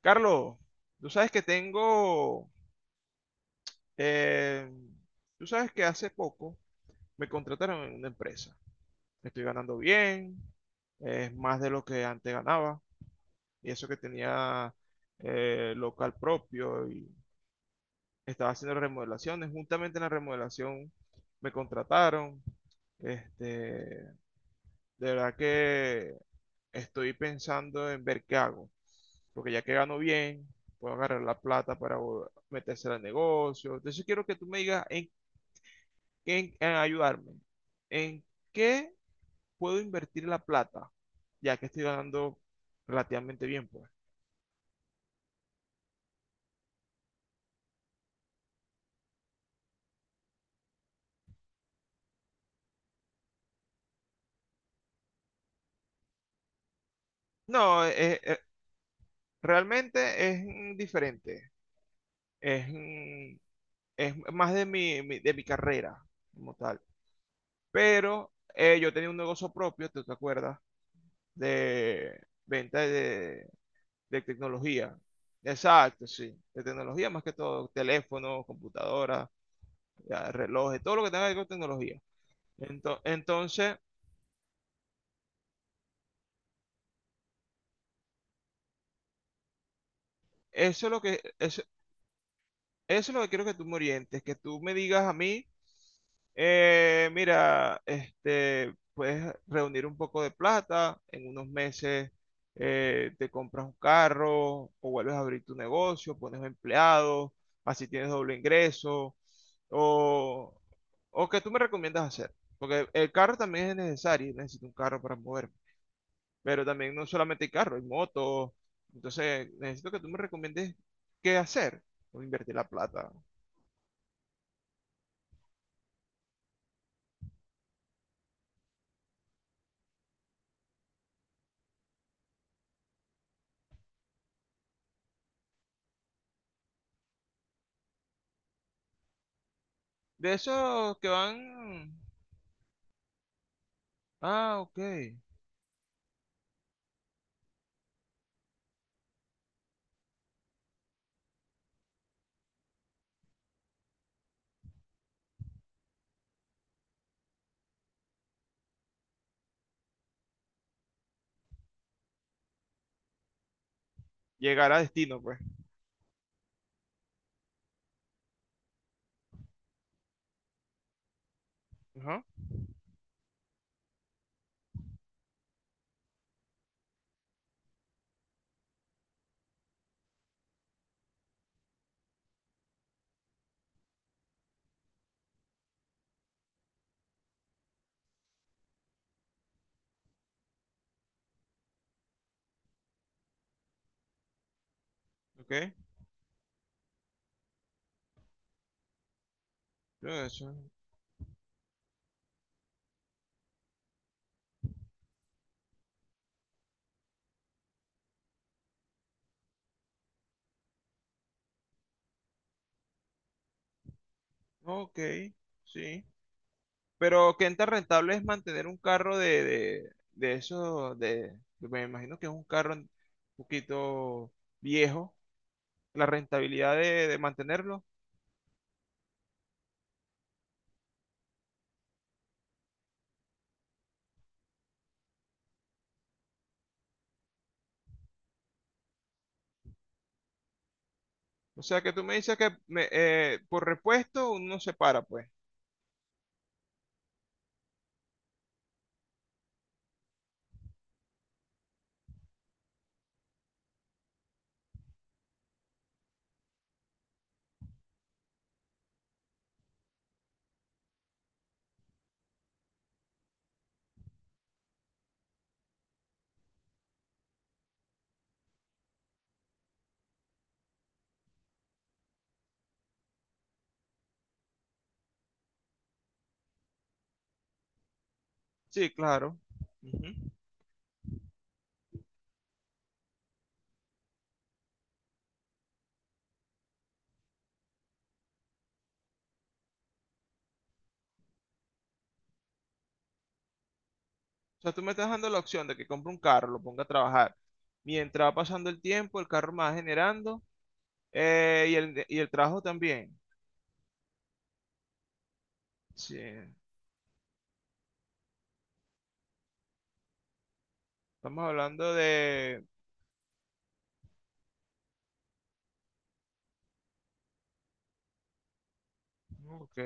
Carlos, tú sabes que tengo, eh, tú sabes que hace poco me contrataron en una empresa. Estoy ganando bien, es más de lo que antes ganaba, y eso que tenía local propio y estaba haciendo remodelaciones. Juntamente en la remodelación me contrataron. Este, de verdad que estoy pensando en ver qué hago, porque ya que gano bien, puedo agarrar la plata para meterse al negocio. Entonces quiero que tú me digas en ayudarme, en qué puedo invertir la plata, ya que estoy ganando relativamente bien, pues. No, realmente es diferente, es, mm, es más de de mi carrera como tal. Pero yo tenía un negocio propio, ¿tú te acuerdas? De venta de tecnología. Exacto, sí. De tecnología más que todo, teléfonos, computadoras, ya, relojes, todo lo que tenga que ver con tecnología. Entonces, eso es lo que, eso es lo que quiero que tú me orientes, que tú me digas a mí, mira, este, puedes reunir un poco de plata, en unos meses te compras un carro o vuelves a abrir tu negocio, pones empleados, así tienes doble ingreso, o, o que tú me recomiendas hacer, porque el carro también es necesario, necesito un carro para moverme, pero también no solamente hay carro, hay motos, entonces necesito que tú me recomiendes qué hacer, o invertir la plata. De esos que van. Ah, ok. Llegar a destino, pues. Ajá. Ok. Todo eso. Ok. Sí. Pero qué tan rentable es mantener un carro de esos. Me imagino que es un carro un poquito viejo. La rentabilidad de mantenerlo. O sea que tú me dices que por repuesto uno se para, pues. Sí, claro. Ujú. O sea, tú me estás dando la opción de que compre un carro, lo ponga a trabajar. Mientras va pasando el tiempo, el carro me va generando y el trabajo también. Sí, estamos hablando de... Ok.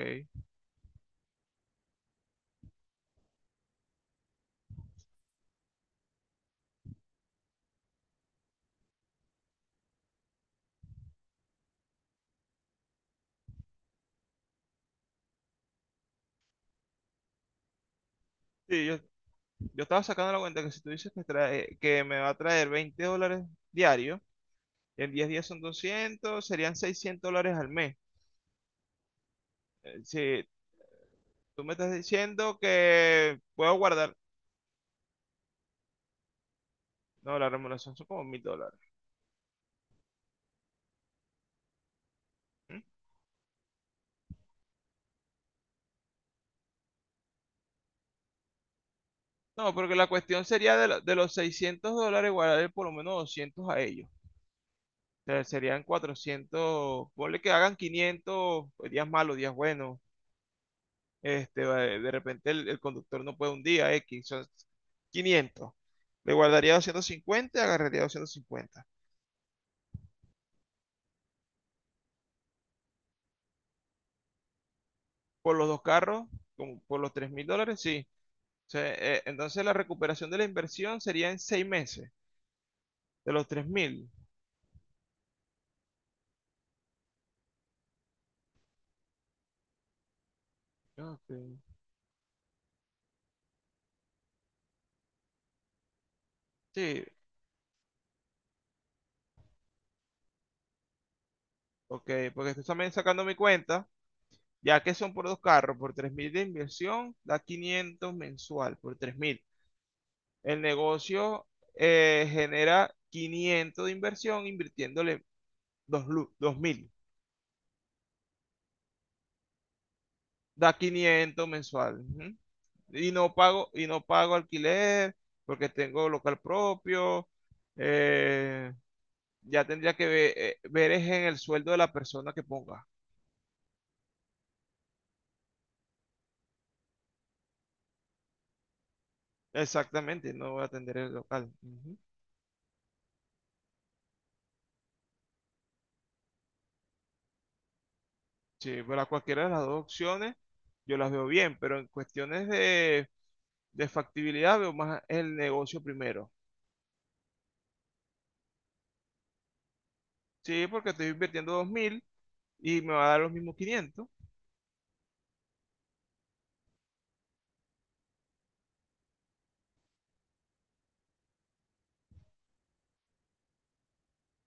Sí, yo estaba sacando la cuenta que si tú dices que, que me va a traer $20 diario, en 10 días son 200, serían $600 al mes. Si tú me estás diciendo que puedo guardar... No, la remuneración son como $1.000. No, porque la cuestión sería de los $600, guardar por lo menos 200 a ellos. O sea, serían 400. Ponle que hagan 500, pues, días malos, días buenos. Este, de repente el conductor no puede un día, X, son 500. Le guardaría 250, agarraría 250. Por los dos carros, como por los $3.000, sí. O sea, entonces la recuperación de la inversión sería en 6 meses, de los 3.000. Ok. Sí, ok, porque estoy también sacando mi cuenta. Ya que son por dos carros, por 3.000 de inversión, da 500 mensual, por 3.000. El negocio genera 500 de inversión invirtiéndole 2.000, da 500 mensual. Ujú. Y no pago alquiler porque tengo local propio. eh, ya tendría que ver, es en el sueldo de la persona que ponga. Exactamente, no voy a atender el local. Ujú. Sí, para cualquiera de las dos opciones yo las veo bien, pero en cuestiones de factibilidad veo más el negocio primero. Sí, porque estoy invirtiendo 2.000 y me va a dar los mismos 500.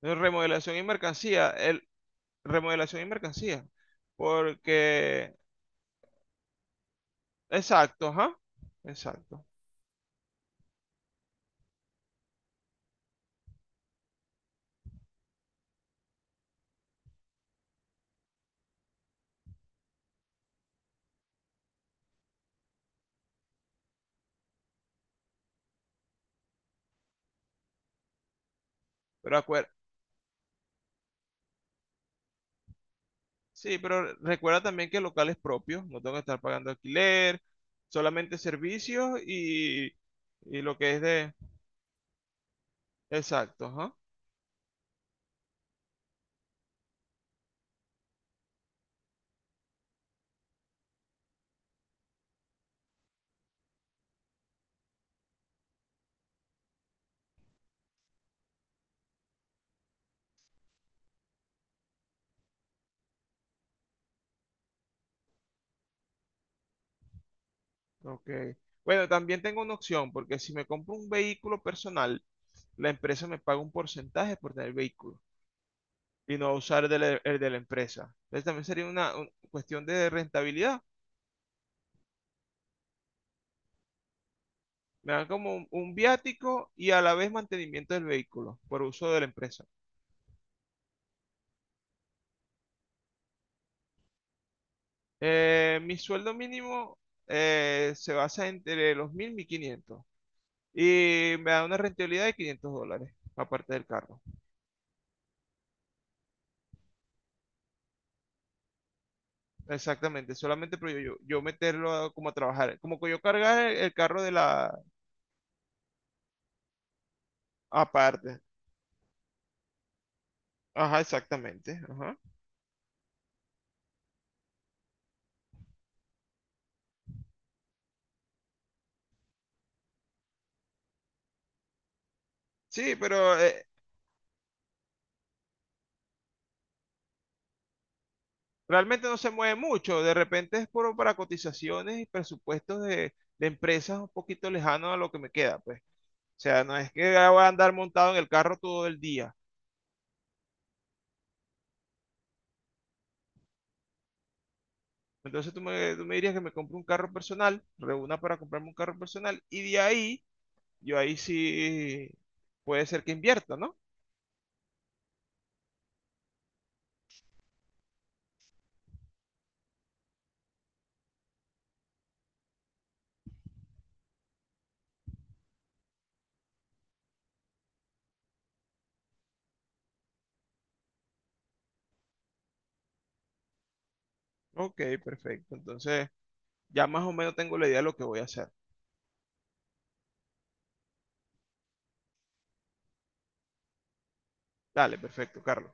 Remodelación y mercancía, remodelación y mercancía. Porque, exacto, ajá, exacto. Pero acuer- sí, pero recuerda también que locales propios, no tengo que estar pagando alquiler, solamente servicios y lo que es de, exacto, ajá. Ok. Bueno, también tengo una opción, porque si me compro un vehículo personal, la empresa me paga un porcentaje por tener vehículo y no usar el el de la empresa. Entonces también sería cuestión de rentabilidad. Me dan como un viático y a la vez mantenimiento del vehículo por uso de la empresa. Mi sueldo mínimo se basa entre los 1.000 y 1.500 y me da una rentabilidad de $500, aparte del carro. Exactamente, solamente pero yo como a trabajar, como que yo cargar el carro de la aparte. Ajá, exactamente. Ajá. Sí, pero realmente no se mueve mucho. De repente es por, para cotizaciones y presupuestos de empresas un poquito lejanos a lo que me queda, pues. O sea, no es que voy a andar montado en el carro todo el día. Entonces tú me dirías que me compre un carro personal, reúna para comprarme un carro personal y de ahí, yo ahí sí puede ser que invierta, ¿no? Ok, perfecto. Entonces... Ya más o menos tengo la idea de lo que voy a hacer. Dale, perfecto, Carlos.